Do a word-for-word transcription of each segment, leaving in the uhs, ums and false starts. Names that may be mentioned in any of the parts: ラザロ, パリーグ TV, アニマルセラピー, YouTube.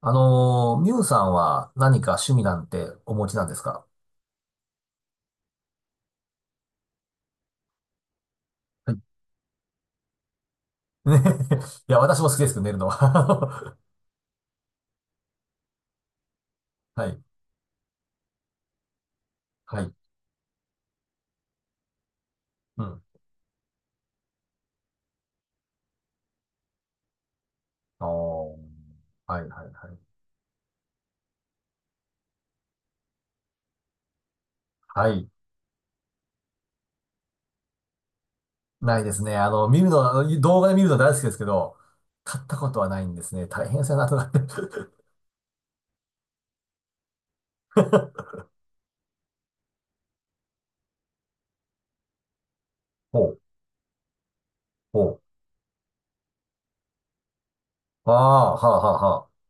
あのー、ミュウさんは何か趣味なんてお持ちなんですか？はい、ね。 いや、私も好きですけど、寝るのは。はい、はい、うん。おー、はい、はい、はい。はい、ないですね。あの、見るの、あの動画で見るの大好きですけど、買ったことはないんですね。大変そうやなとなって。ほう、ほう。ああ、はあ、はあ、はあ。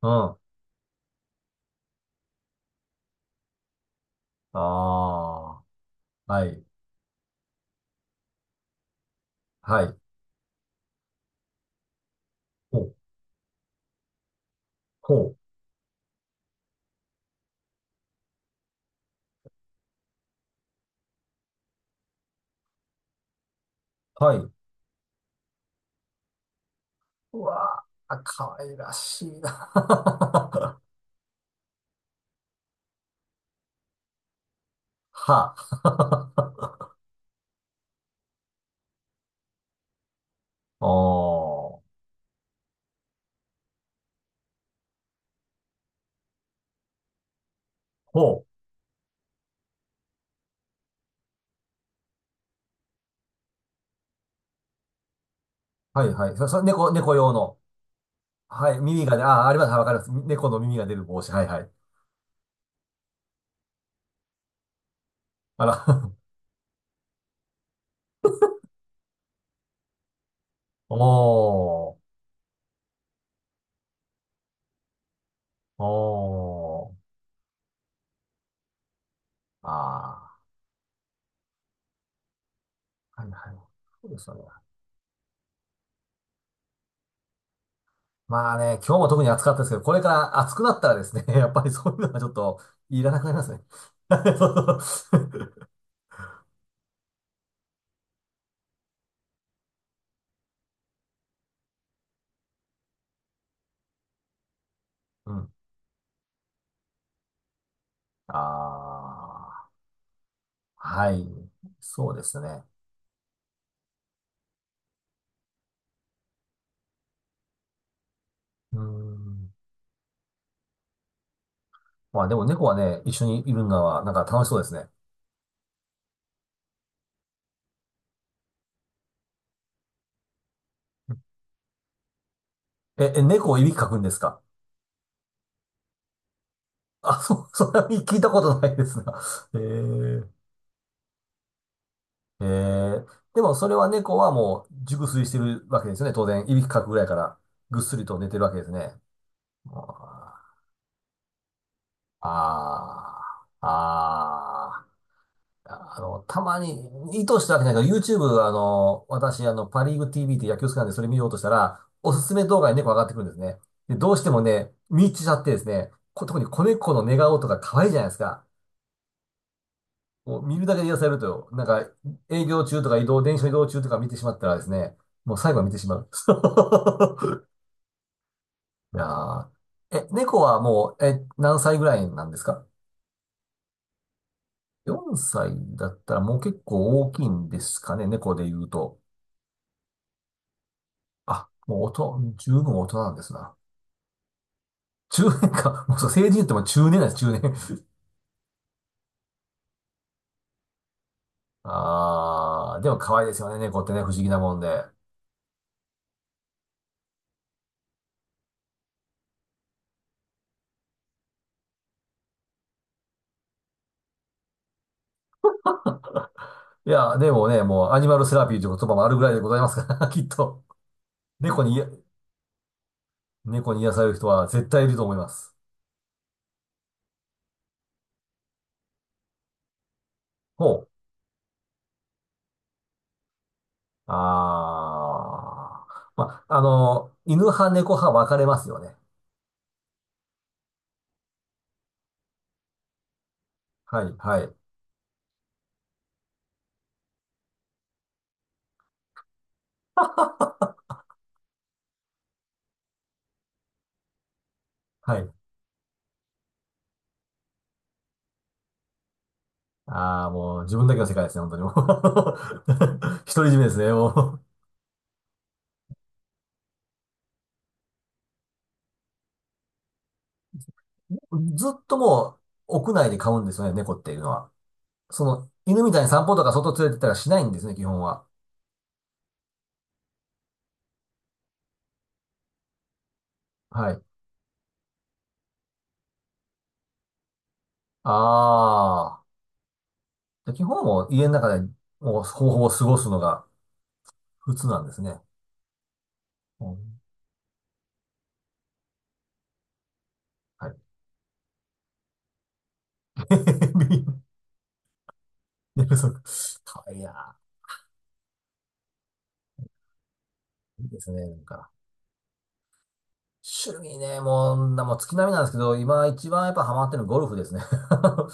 うん。ああ、はい、はい。ほう、ほう、はい。うわあ、かわいらしいな。はあ。おー。ほう。はいはい。そ、そ、猫、猫用の。はい。耳がね、ああ、あります。はい、わかります。猫の耳が出る帽子。はいはい。あら。おー。おー。ああ。はいはい。そうですよね。まあね、今日も特に暑かったですけど、これから暑くなったらですね、やっぱりそういうのがちょっといらなくなりますね。そうそう、うん。ああ。はい。そうですね。うーん。まあでも猫はね、一緒にいるのはなんか楽しそうですね。え、え、猫をいびきかくんですか？ あ、そう、それは聞いたことないですな。ええ、えー、でもそれは猫はもう熟睡してるわけですよね。当然、いびきかくぐらいから、ぐっすりと寝てるわけですね。あー、あー、ああ。あの、たまに、意図したわけじゃないけど、ユーチューブ、あの、私、あの、パリーグ ティーブイ って野球好きなんで、それ見ようとしたら、おすすめ動画に猫上がってくるんですね。で、どうしてもね、見入っちゃってですね、こ、特に子猫の寝顔とか可愛いじゃないですか。もう見るだけで癒されると、なんか、営業中とか移動、電車移動中とか見てしまったらですね、もう最後は見てしまう。いやー、え、猫はもう、え、何歳ぐらいなんですか？ よん 歳だったらもう結構大きいんですかね、猫で言うと。あ、もう大人、十分大人なんですな。中年か。もうそう、成人言っても中年なんです、中年。あー、でも可愛いですよね、猫ってね、不思議なもんで。いや、でもね、もうアニマルセラピーという言葉もあるぐらいでございますから、きっと。猫に癒、猫に癒される人は絶対いると思います。ほう。あー。ま、あの、犬派、猫派分かれますよね。はい、はい、はい。あー、もう自分だけの世界ですね、本当にもう。独り占めですね、もう。ずっともう屋内で飼うんですよね、猫っていうのは。その、犬みたいに散歩とか外連れてったらしないんですね、基本は。はい。ああ。じゃあ基本もう家の中でもう方法を過ごすのが普通なんですね。うん、はい。寝不足。かわいいな。いいですね、なんか。趣味ね、もう、なもう月並みなんですけど、今一番やっぱハマってるのゴルフですね。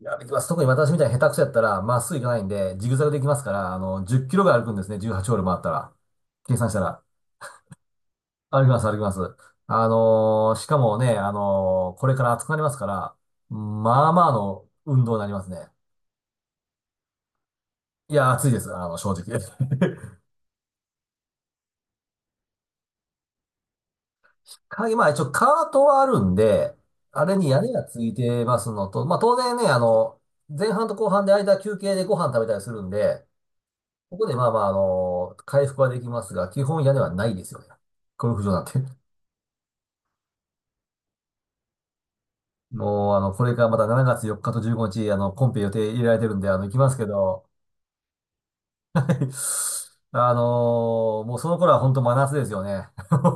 いや、できます。特に私みたいに下手くそやったら、まっすぐ行かないんで、ジグザグで行きますから、あの、じゅっきろぐらい歩くんですね。じゅうはちホール回ったら。計算したら。歩きます、歩きます。あのーしかもね、あのーこれから暑くなりますから、まあまあの運動になりますね。いや、暑いです、あの、正直。鍵、まあ一応カートはあるんで、あれに屋根がついてますのと、まあ当然ね、あの、前半と後半で間休憩でご飯食べたりするんで、ここでまあまあ、あの、回復はできますが、基本屋根はないですよね。ゴルフ場なんて。もう、あの、これからまたしちがつよっかとじゅうごにち、あの、コンペ予定入れられてるんで、あの、行きますけど、あのーもうその頃は本当真夏ですよね。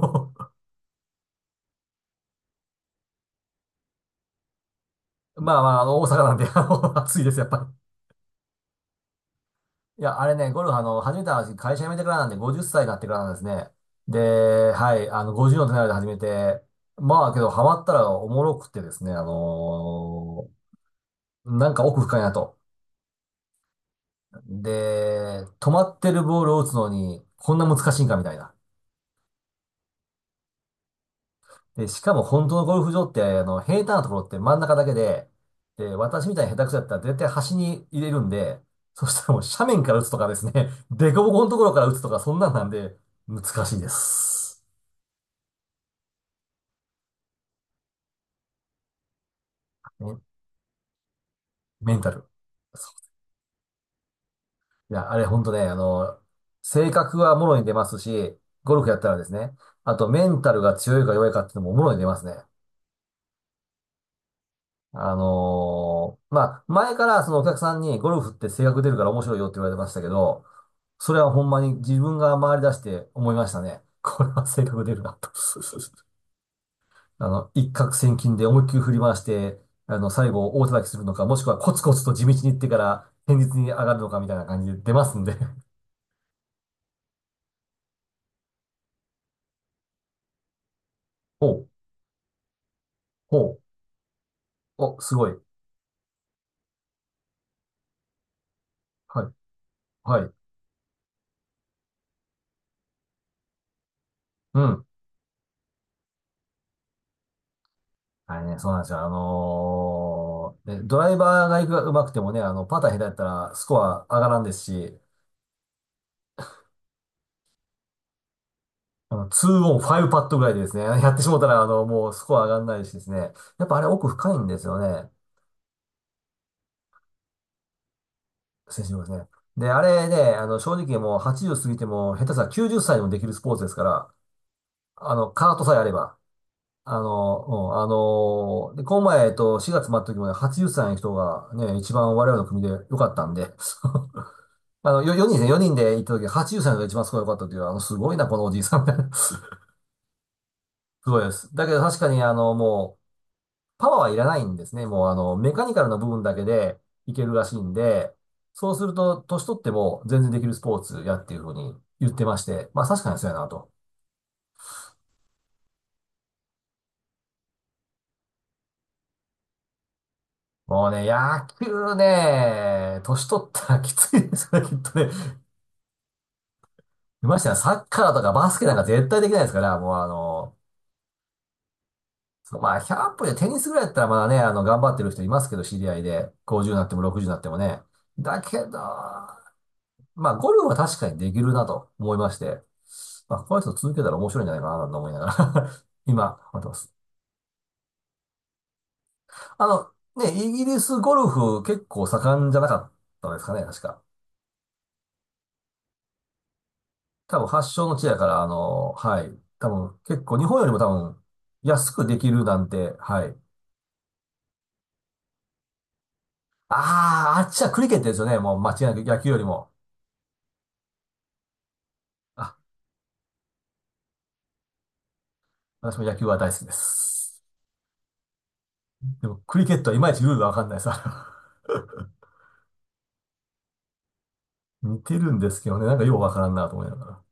まあまあ、あの、大阪なんで、あの 暑いです、やっぱり。いや、あれね、ゴルフ、あの、始めた話、会社辞めてからなんで、ごじゅっさいになってからなんですね。で、はい、あの、ごじゅうの手前で始めて、まあ、けど、ハマったらおもろくてですね、あのーなんか奥深いなと。で、止まってるボールを打つのに、こんな難しいんかみたいな。で、しかも本当のゴルフ場って、あの、平坦なところって真ん中だけで、で、私みたいに下手くそだったら絶対端に入れるんで、そしたらもう斜面から打つとかですね、凸凹のところから打つとか、そんなんなんで、難しいです。ね、メンタル。そういや、あれ本当ね、あの、性格はもろに出ますし、ゴルフやったらですね、あとメンタルが強いか弱いかっていうのももろに出ますね。あのーまあ、前からそのお客さんにゴルフって性格出るから面白いよって言われてましたけど、それはほんまに自分が回り出して思いましたね。これは性格出るなと。あの、一攫千金で思いっきり振り回して、あの、最後大叩きするのか、もしくはコツコツと地道に行ってから堅実に上がるのかみたいな感じで出ますんで。ほう、ほう、お、すごい。はい、はい、うん。あれね、そうなんですよ。あのーねドライバーが行くが上手くてもね、あの、パター下手やったらスコア上がらんですし、あの、にオンごパットぐらいでですね、やってしもたら、あの、もうスコア上がんないしですね、やっぱあれ奥深いんですよね、選手もですね。で、あれね、あの、正直もうはちじゅう過ぎても、下手したらきゅうじゅっさいでもできるスポーツですから、あの、カートさえあれば、あの、うん、あのーで、この前、えっと、しがつ末の時もね、はちじゅっさいの人がね、一番我々の組で良かったんで、あの、よ、よにんですね。人で行った時、はちじゅっさいが一番すごい良かったという、あの、すごいな、このおじいさんみたいな。すごいです。だけど確かに、あの、もう、パワーはいらないんですね。もう、あの、メカニカルな部分だけでいけるらしいんで、そうすると、年取っても全然できるスポーツやっていうふうに言ってまして、まあ確かにそうやなと。もうね、野球ね、年取ったらきついですね、きっとね。ましてや、サッカーとかバスケなんか絶対できないですから、もうあの、そうまあ、ひゃく歩でテニスぐらいだったらまだね、あの、頑張ってる人いますけど、知り合いで。ごじゅうになってもろくじゅうになってもね。だけど、まあ、ゴルフは確かにできるなと思いまして。まあ、この人続けたら面白いんじゃないかなと思いながら 今、思ってます。あの、ね、イギリスゴルフ結構盛んじゃなかったですかね、確か。多分発祥の地やから、あの、はい。多分結構日本よりも多分安くできるなんて、はい。ああ、あっちはクリケットですよね、もう間違いなく野球よりも。私も野球は大好きです。でも、クリケットはいまいちルールがわかんないさ。似てるんですけどね、なんかようわからんなと思いながら。